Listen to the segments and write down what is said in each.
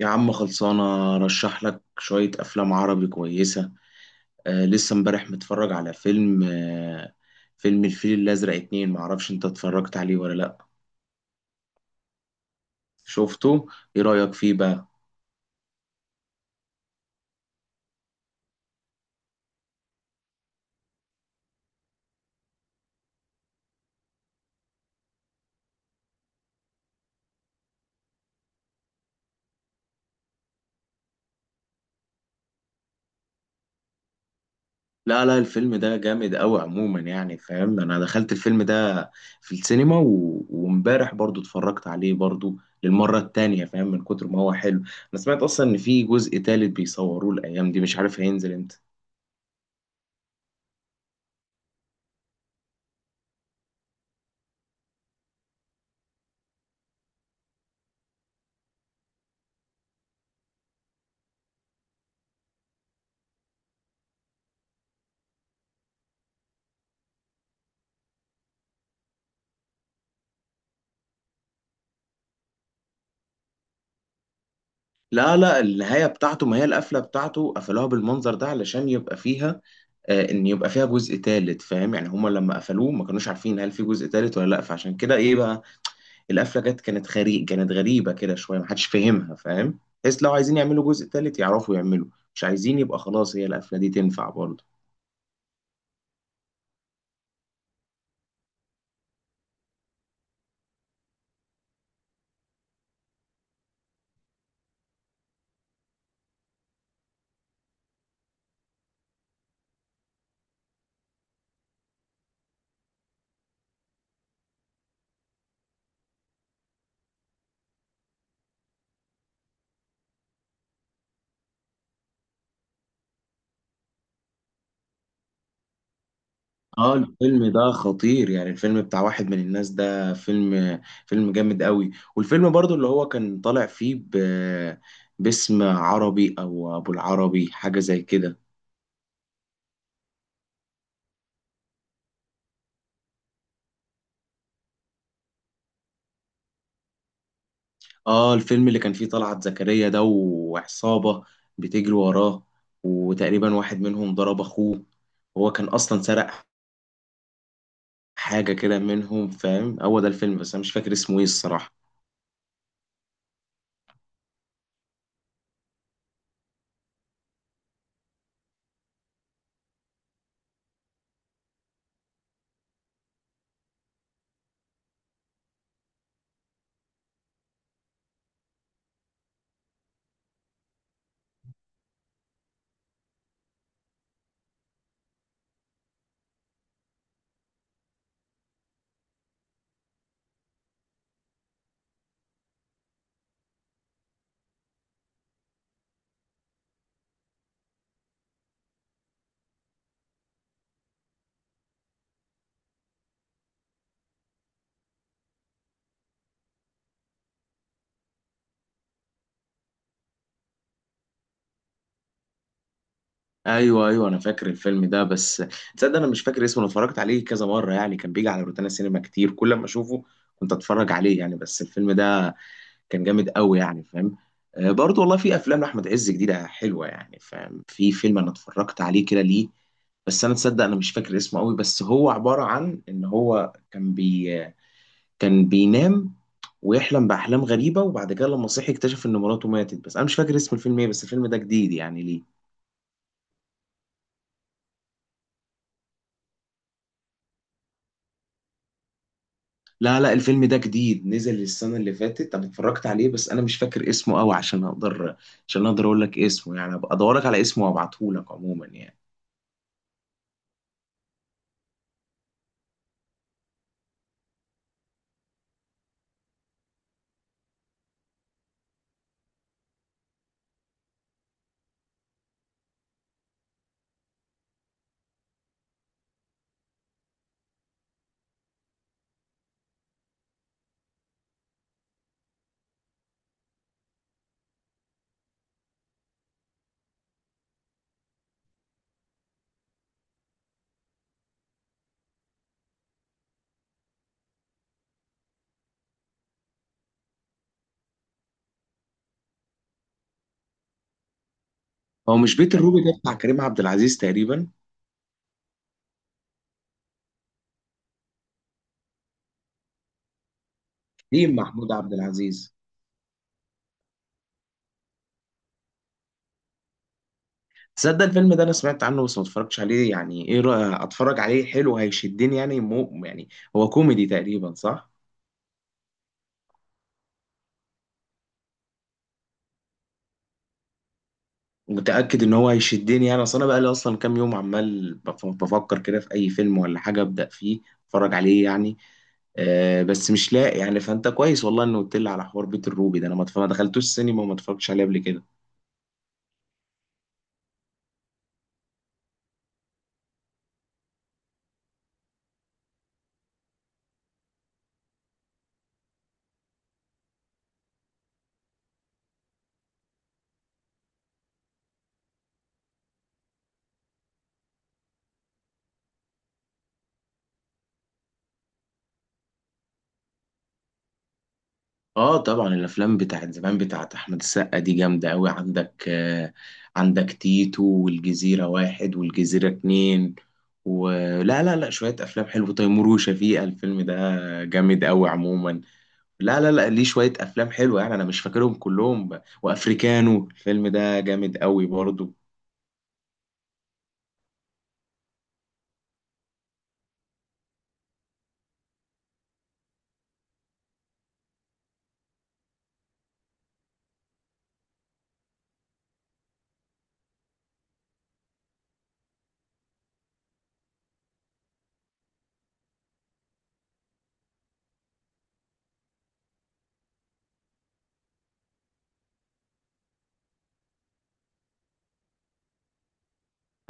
يا عم خلصانة رشح لك شوية أفلام عربي كويسة. آه، لسه امبارح متفرج على فيلم فيلم الفيل الأزرق اتنين، معرفش انت اتفرجت عليه ولا لأ. شفته؟ ايه رأيك فيه بقى؟ لا، الفيلم ده جامد أوي عموما، يعني فاهم، أنا دخلت الفيلم ده في السينما و... وامبارح برضو اتفرجت عليه برضو للمرة التانية، فاهم، من كتر ما هو حلو. أنا سمعت أصلا إن في جزء تالت بيصوروه الأيام دي، مش عارف هينزل امتى. لا، النهاية بتاعته، ما هي القفلة بتاعته قفلوها بالمنظر ده علشان يبقى فيها ان يبقى فيها جزء تالت، فاهم، يعني هما لما قفلوه ما كانوش عارفين هل في جزء تالت ولا لا، فعشان كده ايه بقى القفلة جت كانت غريب، كانت غريبة كده شوية، ما حدش فاهمها، فاهم، بس لو عايزين يعملوا جزء تالت يعرفوا يعملوا، مش عايزين يبقى خلاص هي القفلة دي تنفع برضه. اه الفيلم ده خطير، يعني الفيلم بتاع واحد من الناس ده فيلم جامد قوي. والفيلم برضو اللي هو كان طالع فيه باسم عربي او ابو العربي حاجة زي كده. اه الفيلم اللي كان فيه طلعت زكريا ده، وعصابة بتجري وراه، وتقريبا واحد منهم ضرب اخوه، وهو كان اصلا سرق حاجة كده منهم، فاهم، هو ده الفيلم، بس انا مش فاكر اسمه ايه الصراحة. ايوه ايوه، انا فاكر الفيلم ده، بس تصدق انا مش فاكر اسمه. انا اتفرجت عليه كذا مره يعني، كان بيجي على روتانا سينما كتير، كل ما اشوفه كنت اتفرج عليه يعني، بس الفيلم ده كان جامد قوي يعني فاهم. آه، برضه والله في افلام لاحمد عز جديده حلوه يعني فاهم. في فيلم انا اتفرجت عليه كده ليه، بس انا تصدق انا مش فاكر اسمه قوي، بس هو عباره عن ان هو كان بينام ويحلم باحلام غريبه، وبعد كده لما صحي اكتشف ان مراته ماتت، بس انا مش فاكر اسم الفيلم ايه، بس الفيلم ده جديد يعني ليه. لا، الفيلم ده جديد، نزل السنة اللي فاتت، أنا اتفرجت عليه، بس أنا مش فاكر اسمه أوي عشان أقدر أقول لك اسمه، يعني أبقى أدورك على اسمه وأبعته لك عموما يعني. هو مش بيت الروبي ده بتاع كريم عبد العزيز تقريبا؟ كريم محمود عبد العزيز. تصدق الفيلم ده أنا سمعت عنه بس ما اتفرجتش عليه، يعني إيه رأيك أتفرج عليه؟ حلو؟ هيشدني يعني؟ مو يعني هو كوميدي تقريبا صح؟ متأكد إن هو هيشدني؟ يعني أصل أنا بقالي أصلا كام يوم عمال بفكر كده في أي فيلم ولا حاجة أبدأ فيه، أتفرج عليه يعني. آه، بس مش لاقي يعني، فانت كويس والله انه قلت لي على حوار بيت الروبي ده، انا ما دخلتوش السينما وما اتفرجتش عليه قبل كده. اه طبعا الافلام بتاعت زمان بتاعت احمد السقا دي جامده قوي. عندك آه، عندك تيتو، والجزيره واحد، والجزيره اتنين، ولا لا لا شويه افلام حلوه، تيمور وشفيقه، الفيلم ده جامد قوي عموما. لا ليه شويه افلام حلوه يعني، انا مش فاكرهم كلهم، وافريكانو الفيلم ده جامد قوي برضه.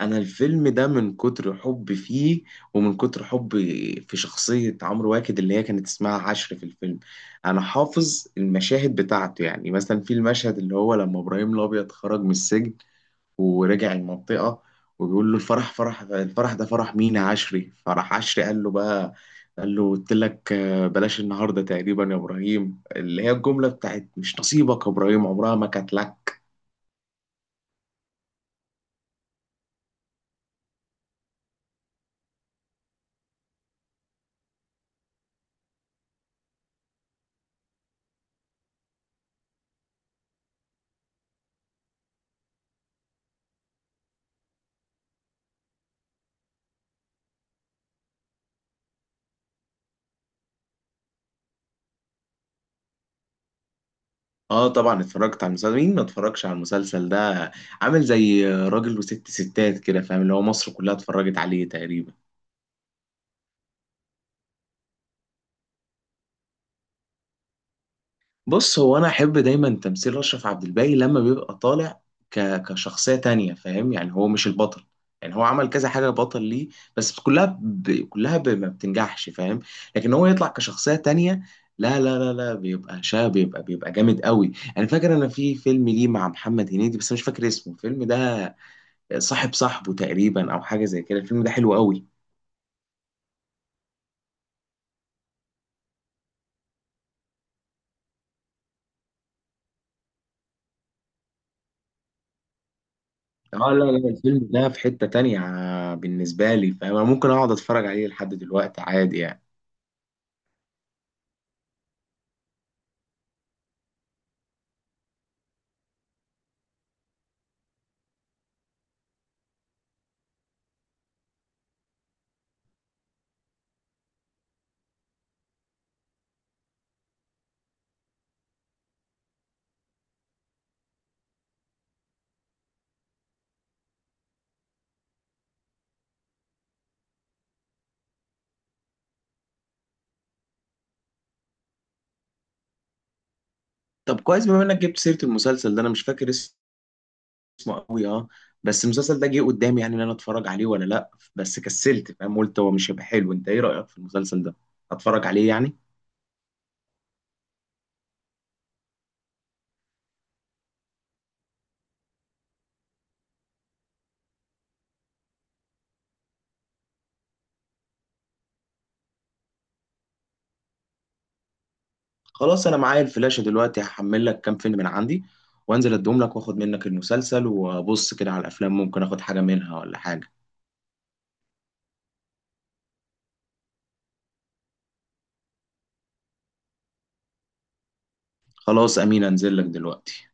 انا الفيلم ده من كتر حبي فيه، ومن كتر حبي في شخصية عمرو واكد اللي هي كانت اسمها عشر في الفيلم، انا حافظ المشاهد بتاعته. يعني مثلا في المشهد اللي هو لما ابراهيم الابيض خرج من السجن ورجع المنطقة، وبيقول له الفرح، فرح الفرح ده فرح مين يا عشري؟ فرح عشري، قال له بقى، قال له قلت لك بلاش النهارده تقريبا يا ابراهيم، اللي هي الجملة بتاعت مش نصيبك يا ابراهيم، عمرها ما كانت لك. اه طبعا اتفرجت على المسلسل، مين ما اتفرجش على المسلسل ده، عامل زي راجل وست ستات كده فاهم، اللي هو مصر كلها اتفرجت عليه تقريبا. بص هو انا احب دايما تمثيل اشرف عبد الباقي لما بيبقى طالع كشخصية تانية، فاهم يعني هو مش البطل، يعني هو عمل كذا حاجة بطل ليه بس كلها ما بتنجحش، فاهم، لكن هو يطلع كشخصية تانية. لا بيبقى شاب، بيبقى جامد قوي. انا فاكر انا في فيلم ليه مع محمد هنيدي بس مش فاكر اسمه الفيلم ده، صاحب صاحبه تقريبا او حاجه زي كده، الفيلم ده حلو قوي. اه لا، لا الفيلم ده في حته تانية بالنسبه لي، فانا ممكن اقعد اتفرج عليه لحد دلوقتي عادي يعني. طب كويس بما انك جبت سيره المسلسل ده، انا مش فاكر اسمه قوي، اه، بس المسلسل ده جه قدامي يعني ان انا اتفرج عليه ولا لا، بس كسلت، فاهم، قلت هو مش هيبقى حلو، انت ايه رايك في المسلسل ده؟ اتفرج عليه يعني؟ خلاص انا معايا الفلاشه دلوقتي، هحمل لك كام فيلم من عندي وانزل اديهم لك واخد منك المسلسل، وابص كده على الافلام ممكن اخد حاجه منها ولا حاجه. خلاص امين، انزل لك دلوقتي.